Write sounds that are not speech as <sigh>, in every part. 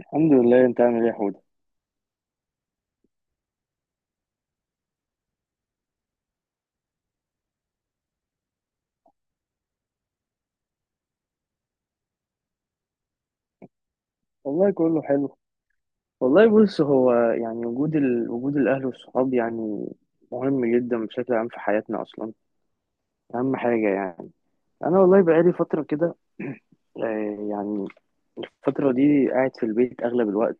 الحمد لله، انت عامل ايه يا حوده؟ والله كله حلو. والله بص، هو يعني وجود وجود الاهل والصحاب يعني مهم جدا بشكل عام في حياتنا اصلا. اهم حاجه يعني. انا والله بقالي فتره كده. <clears throat> يعني الفتره دي قاعد في البيت اغلب الوقت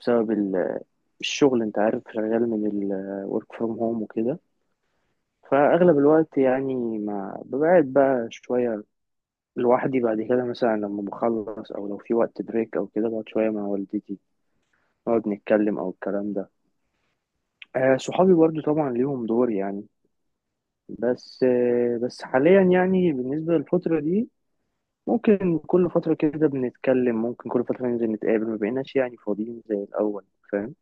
بسبب الشغل، انت عارف شغال من ال work from home وكده. فاغلب الوقت يعني ما ببقى قاعد بقى شويه لوحدي، بعد كده مثلا لما بخلص او لو في وقت بريك او كده بقعد شويه مع والدتي، نقعد نتكلم او الكلام ده. آه، صحابي برضو طبعا ليهم دور يعني. بس آه بس حاليا يعني بالنسبة للفترة دي ممكن كل فترة كده بنتكلم، ممكن كل فترة ننزل نتقابل، ما بقيناش يعني فاضيين زي الأول. فاهم؟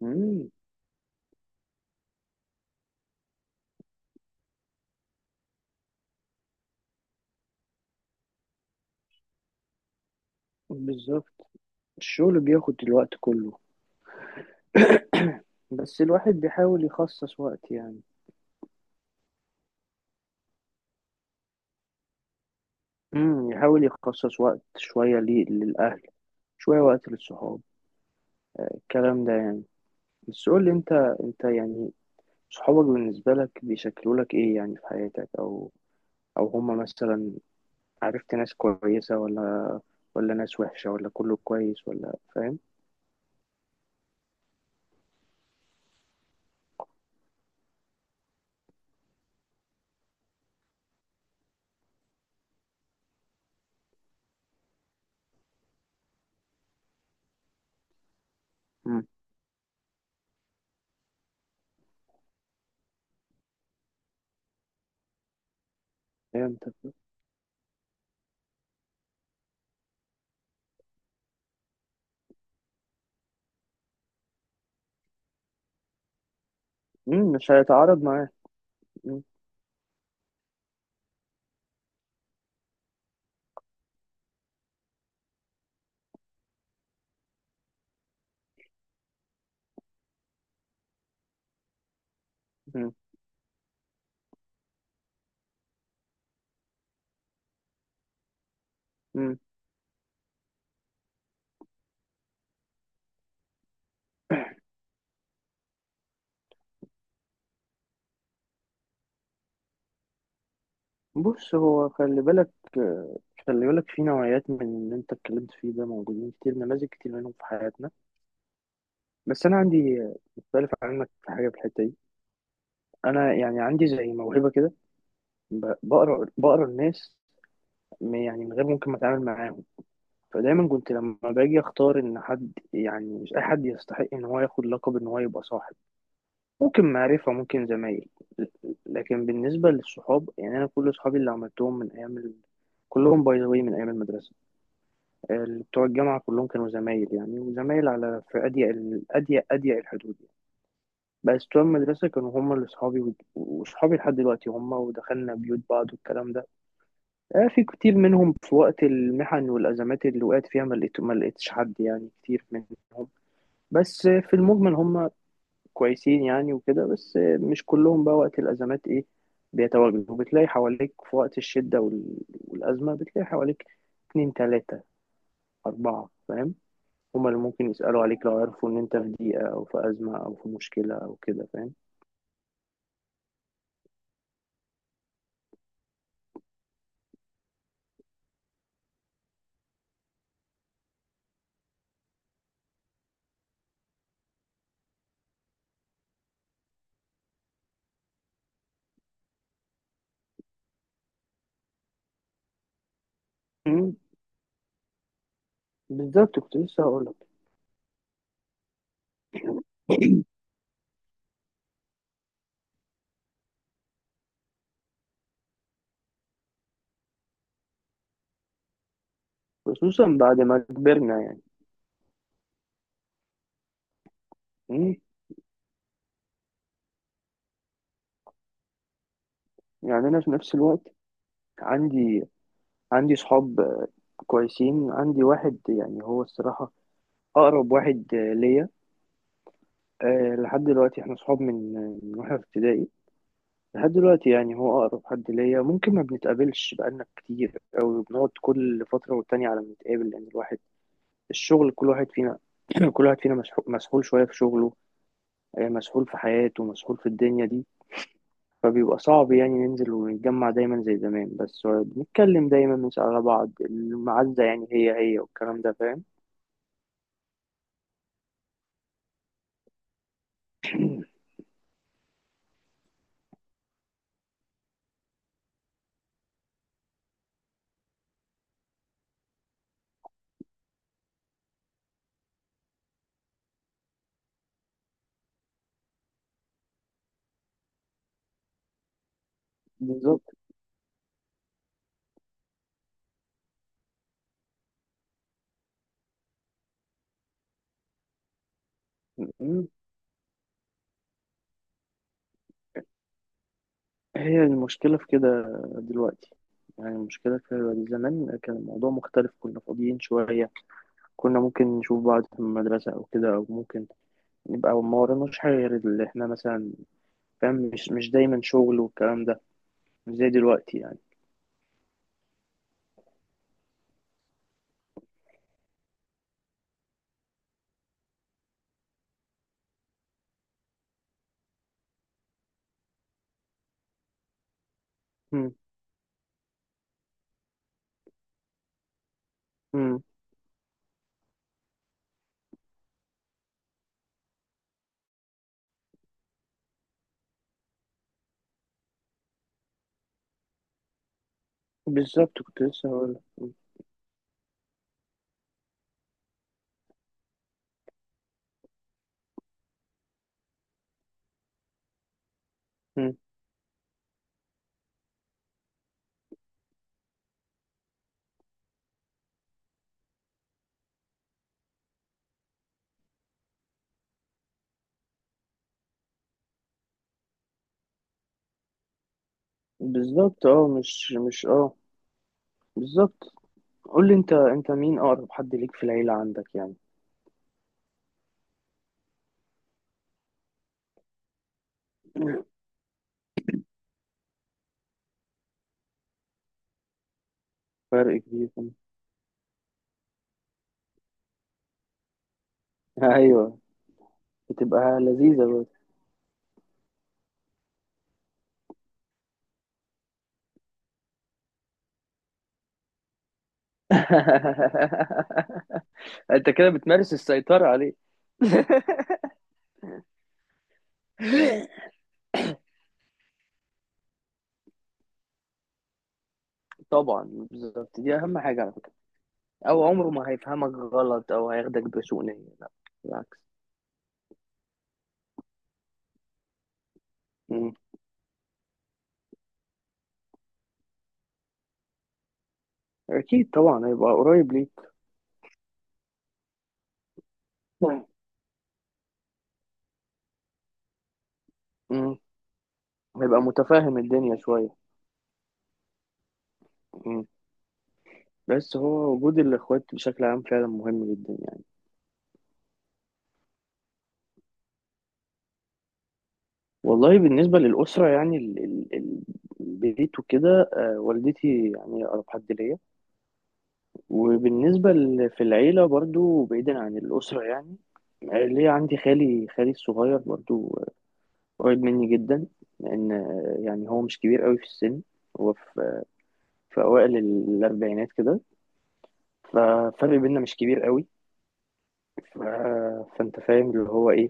مم، بالظبط. الشغل بياخد الوقت كله. بس الواحد بيحاول يخصص وقت يعني. يحاول يخصص وقت شوية ليه للأهل، شوية وقت للصحاب، الكلام ده يعني. بس قول لي انت، انت يعني صحابك بالنسبة لك بيشكلوا لك ايه يعني في حياتك؟ او او هما مثلا عرفت ناس كويسة ولا ولا ناس وحشة ولا كله كويس، ولا فاهم؟ امم فهمت. مش هيتعارض معاه. مم. مم. مم. بص، هو خلي بالك، خلي بالك في نوعيات من اللي انت اتكلمت فيه ده موجودين كتير، نماذج كتير منهم في حياتنا. بس انا عندي مختلف عنك في حاجة في الحتة دي. انا يعني عندي زي موهبة كده، بقرا الناس يعني من غير ممكن ما اتعامل معاهم. فدايما كنت لما باجي اختار ان حد، يعني مش اي حد يستحق ان هو ياخد لقب ان هو يبقى صاحب. ممكن معرفة، ممكن زمايل، لكن بالنسبة للصحاب يعني انا كل صحابي اللي عملتهم من ايام كلهم باي ذا واي من ايام المدرسة. اللي بتوع الجامعة كلهم كانوا زمايل يعني، وزمايل على في اضيق اضيق اضيق الحدود يعني. بس بتوع المدرسة كانوا هم اللي صحابي، وصحابي لحد دلوقتي هم، ودخلنا بيوت بعض والكلام ده. آه، في كتير منهم في وقت المحن والأزمات اللي وقعت فيها ما لقيتش حد يعني كتير منهم. بس آه، في المجمل هم كويسين يعني وكده. بس آه، مش كلهم بقى وقت الأزمات إيه بيتواجدوا. بتلاقي حواليك في وقت الشدة والأزمة بتلاقي حواليك اتنين تلاتة أربعة، فاهم؟ هما اللي ممكن يسألوا عليك لو عرفوا إن أنت في ضيقة أو في أزمة أو في مشكلة أو كده، فاهم؟ مم، بالظبط، كنت لسه هقولك. <clears throat> خصوصا بعد ما كبرنا يعني. مم، يعني أنا في نفس الوقت عندي، عندي صحاب آه، كويسين. عندي واحد يعني هو الصراحة أقرب واحد آه، ليا. آه، لحد دلوقتي احنا صحاب من آه، من واحنا في ابتدائي لحد دلوقتي. يعني هو أقرب حد ليا. ممكن ما بنتقابلش بقالنا كتير، أو بنقعد كل فترة والتانية على ما نتقابل، لأن الواحد الشغل كل واحد فينا، <clears throat> كل واحد فينا مسحول شوية في شغله، آه، مسحول في حياته، مسحول في الدنيا دي. فبيبقى صعب يعني ننزل ونتجمع دايما زي زمان. بس آه، بنتكلم دايما، بنسأل على بعض، المعزة يعني هي هي والكلام ده، فاهم؟ بالظبط. م- هي المشكلة في كده دلوقتي. يعني المشكلة في زمان كان الموضوع مختلف، كنا فاضيين شوية. كنا ممكن نشوف بعض في المدرسة أو كده، أو ممكن نبقى ما وراناش حاجة غير اللي إحنا مثلا، فاهم؟ مش دايما شغل والكلام ده. مش زي دلوقتي يعني. م- م. بالظبط، كنت لسه هقول. بالظبط، اه مش اه بالظبط. قول لي انت، انت مين اقرب حد ليك في العيلة عندك يعني؟ <clears throat> فرق كبير. <laughs> ايوه. بتبقى لذيذة. <laughs> انت كده بتمارس السيطرة عليه. <laughs> طبعا بالظبط، دي اهم حاجة على فكرة. او عمره ما هيفهمك غلط او هياخدك بسوء نية، لا بالعكس. مم. اكيد طبعا هيبقى قريب ليك. مم. هيبقى متفاهم الدنيا شوية. مم. بس هو وجود الاخوات بشكل عام فعلا مهم جدا يعني. والله بالنسبة للأسرة يعني البيت وكده، آه، والدتي يعني أقرب حد ليا. وبالنسبة في العيلة برضو بعيدا عن الأسرة يعني، ليه عندي خالي، خالي الصغير برضو قريب مني جدا. لأن يعني هو مش كبير قوي في السن، هو في، في أوائل الأربعينات كده، ففرق بينا مش كبير قوي. ف... فأنت فاهم اللي هو إيه،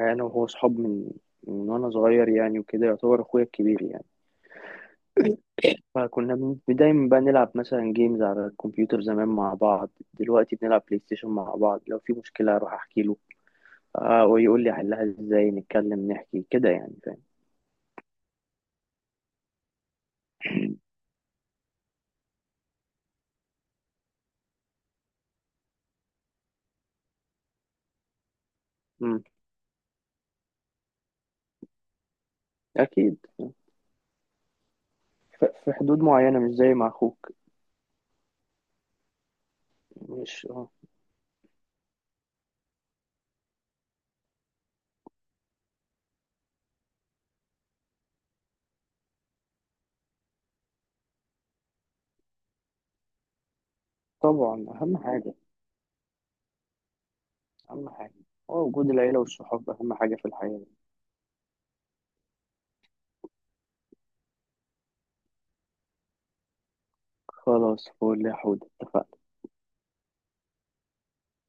أنا وهو صحاب من من وأنا صغير يعني، وكده يعتبر أخويا الكبير يعني. فكنا دايما بقى نلعب مثلا جيمز على الكمبيوتر زمان مع بعض، دلوقتي بنلعب بلاي ستيشن مع بعض، لو في مشكلة أروح أحكي له آه ويقول لي احلها ازاي، نتكلم نحكي كده يعني، فاهم؟ مم. اكيد. في حدود معينة، مش زي مع اخوك. مش آه. طبعا اهم حاجة، اهم حاجة هو وجود العيلة والصحاب اهم حاجة في الحياة. خلاص فول يا حود، اتفقنا.